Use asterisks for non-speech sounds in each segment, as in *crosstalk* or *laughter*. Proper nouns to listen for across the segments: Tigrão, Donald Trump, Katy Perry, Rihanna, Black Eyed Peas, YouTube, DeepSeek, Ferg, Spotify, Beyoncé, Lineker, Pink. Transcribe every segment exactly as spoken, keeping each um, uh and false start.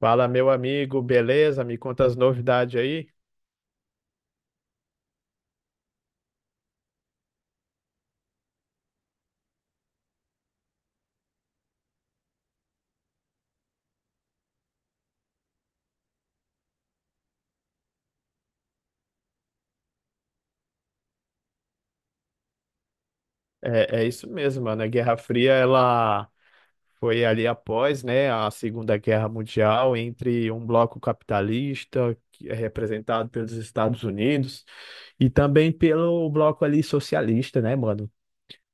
Fala, meu amigo, beleza? Me conta as novidades aí. É, é isso mesmo, mano. A Guerra Fria, ela foi ali após, né, a Segunda Guerra Mundial, entre um bloco capitalista, que é representado pelos Estados Unidos, e também pelo bloco ali socialista, né, mano?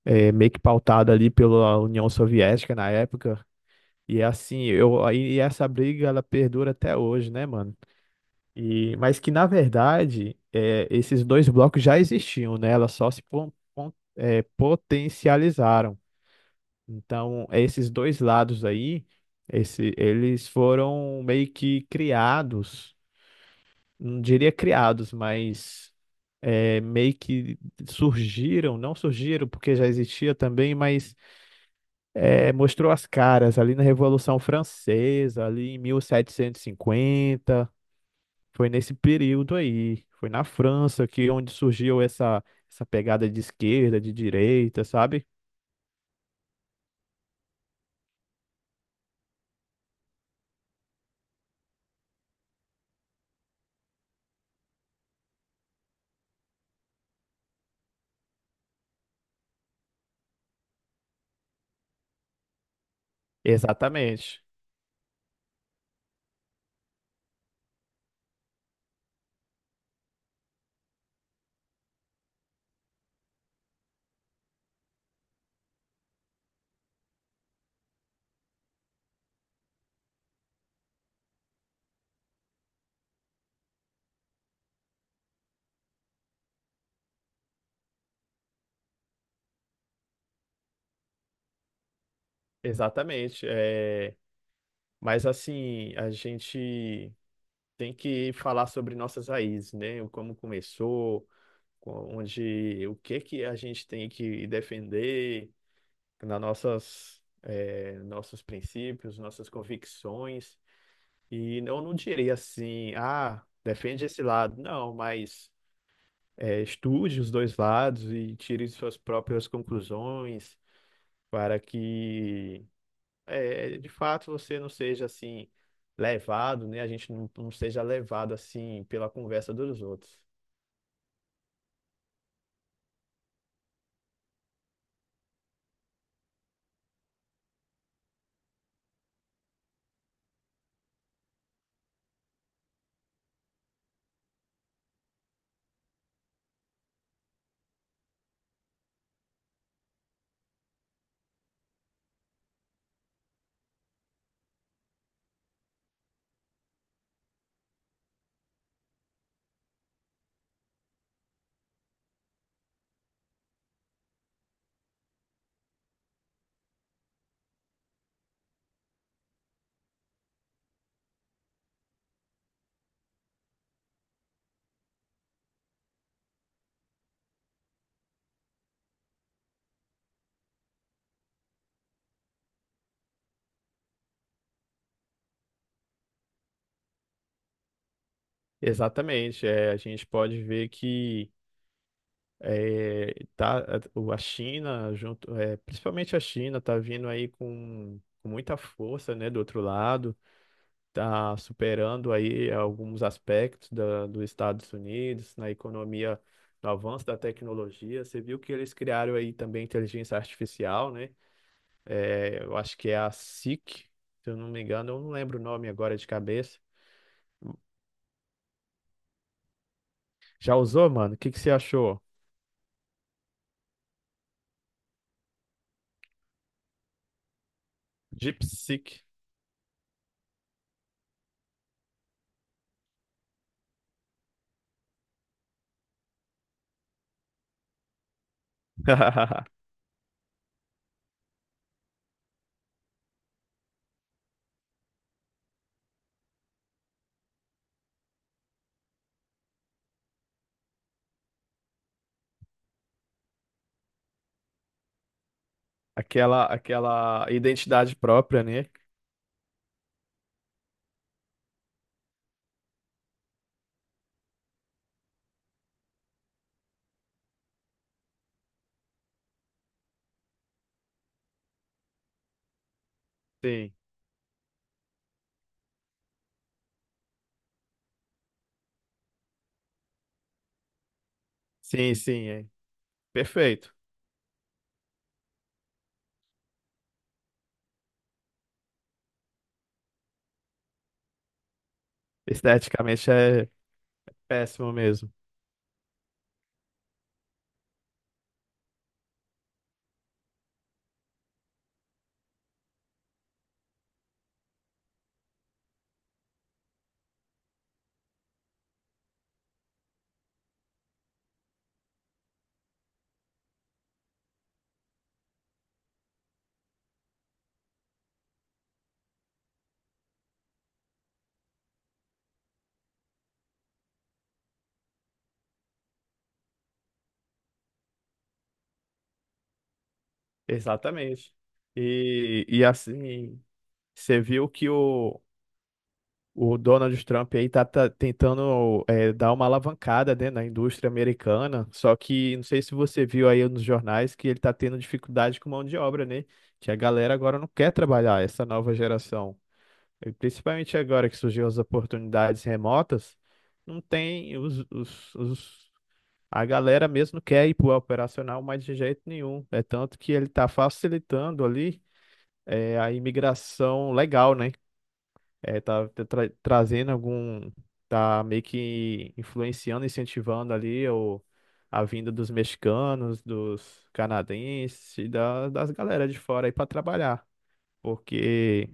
É, meio que pautado ali pela União Soviética na época. E assim, eu, aí essa briga, ela perdura até hoje, né, mano? E, mas que, na verdade, é, esses dois blocos já existiam, né? Elas só se pon- pon- é, potencializaram. Então, esses dois lados aí, esse- eles foram meio que criados, não diria criados, mas é, meio que surgiram, não surgiram porque já existia também, mas é, mostrou as caras ali na Revolução Francesa, ali em mil setecentos e cinquenta. Foi nesse período aí, foi na França que onde surgiu essa essa pegada de esquerda, de direita, sabe? Exatamente, exatamente. É... Mas assim, a gente tem que falar sobre nossas raízes, né? O Como começou, co- onde, o que que a gente tem que defender nas nossas é, nossos princípios, nossas convicções. E eu não diria assim, ah, defende esse lado. Não, mas é, estude os dois lados e tire suas próprias conclusões para que, é, de fato, você não seja assim levado, né? A gente não, não seja levado assim pela conversa dos outros. Exatamente. É, a gente pode ver que é, tá, a China, junto, é, principalmente a China, está vindo aí com, com muita força, né, do outro lado está superando aí alguns aspectos da, dos Estados Unidos na economia, no avanço da tecnologia. Você viu que eles criaram aí também inteligência artificial, né? É, eu acho que é a sic, se eu não me engano, eu não lembro o nome agora de cabeça. Já usou, mano? O que que você achou? DeepSeek. *laughs* Aquela, aquela identidade própria, né? Sim, sim, sim, é. Perfeito. Esteticamente é péssimo mesmo. Exatamente. E, e assim, você viu que o, o Donald Trump aí tá, tá tentando é, dar uma alavancada, né, na indústria americana, só que não sei se você viu aí nos jornais que ele tá tendo dificuldade com mão de obra, né? Que a galera agora não quer trabalhar, essa nova geração. E principalmente agora que surgiu as oportunidades remotas, não tem os, os, os- a galera mesmo não quer ir para o operacional mais de jeito nenhum. É tanto que ele está facilitando ali é, a imigração legal, né? É, tá tá tra- trazendo algum, tá meio que influenciando, incentivando ali o, a vinda dos mexicanos, dos canadenses e da, das galera de fora aí para trabalhar. Porque,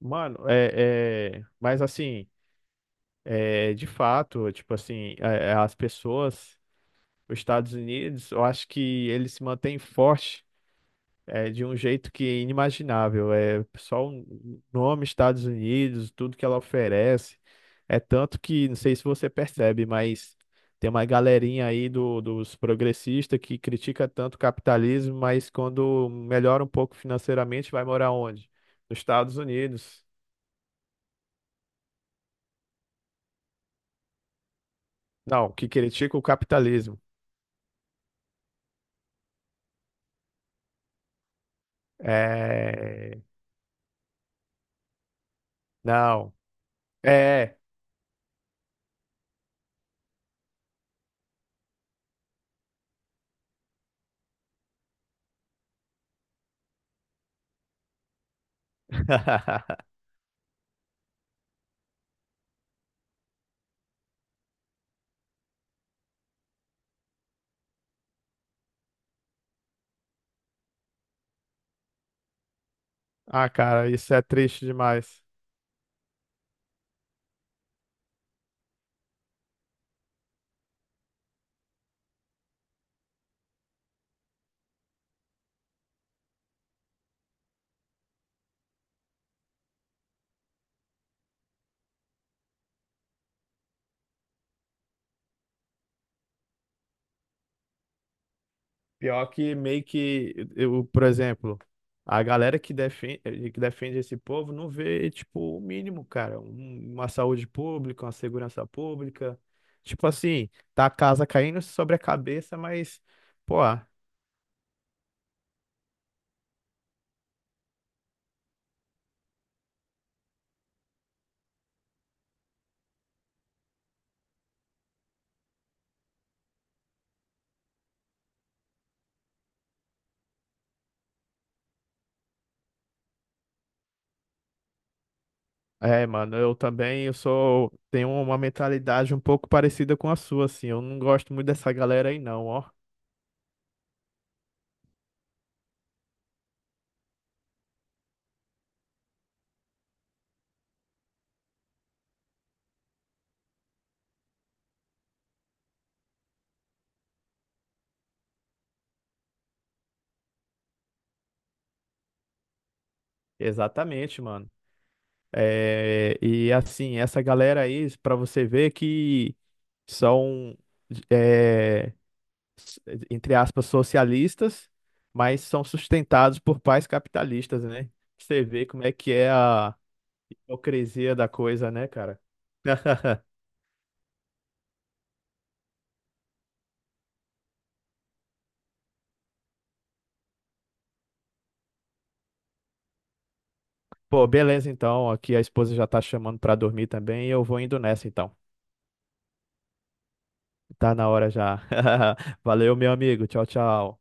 mano, é, é, mas assim, é, de fato, tipo assim, é, é, as pessoas, os Estados Unidos, eu acho que ele se mantém forte é, de um jeito que é inimaginável. É só o nome Estados Unidos, tudo que ela oferece. É tanto que, não sei se você percebe, mas tem uma galerinha aí do, dos progressistas que critica tanto o capitalismo, mas quando melhora um pouco financeiramente, vai morar onde? Nos Estados Unidos. Não, que critica o capitalismo. É. Não. É. *laughs* Ah, cara, isso é triste demais. Pior que meio que eu, por exemplo, a galera que defende, que defende esse povo não vê, tipo, o mínimo, cara, um- uma saúde pública, uma segurança pública. Tipo assim, tá a casa caindo sobre a cabeça, mas, pô, é, mano, eu também, eu sou, tenho uma mentalidade um pouco parecida com a sua, assim, eu não gosto muito dessa galera aí não, ó. Exatamente, mano. É, e assim, essa galera aí, para você ver que são, é, s- entre aspas, socialistas, mas são sustentados por pais capitalistas, né? Você vê como é que é a hipocrisia da coisa, né, cara? *laughs* Pô, beleza então. Aqui a esposa já tá chamando pra dormir também. e Eu vou indo nessa então. Tá na hora já. *laughs* Valeu, meu amigo. Tchau, tchau.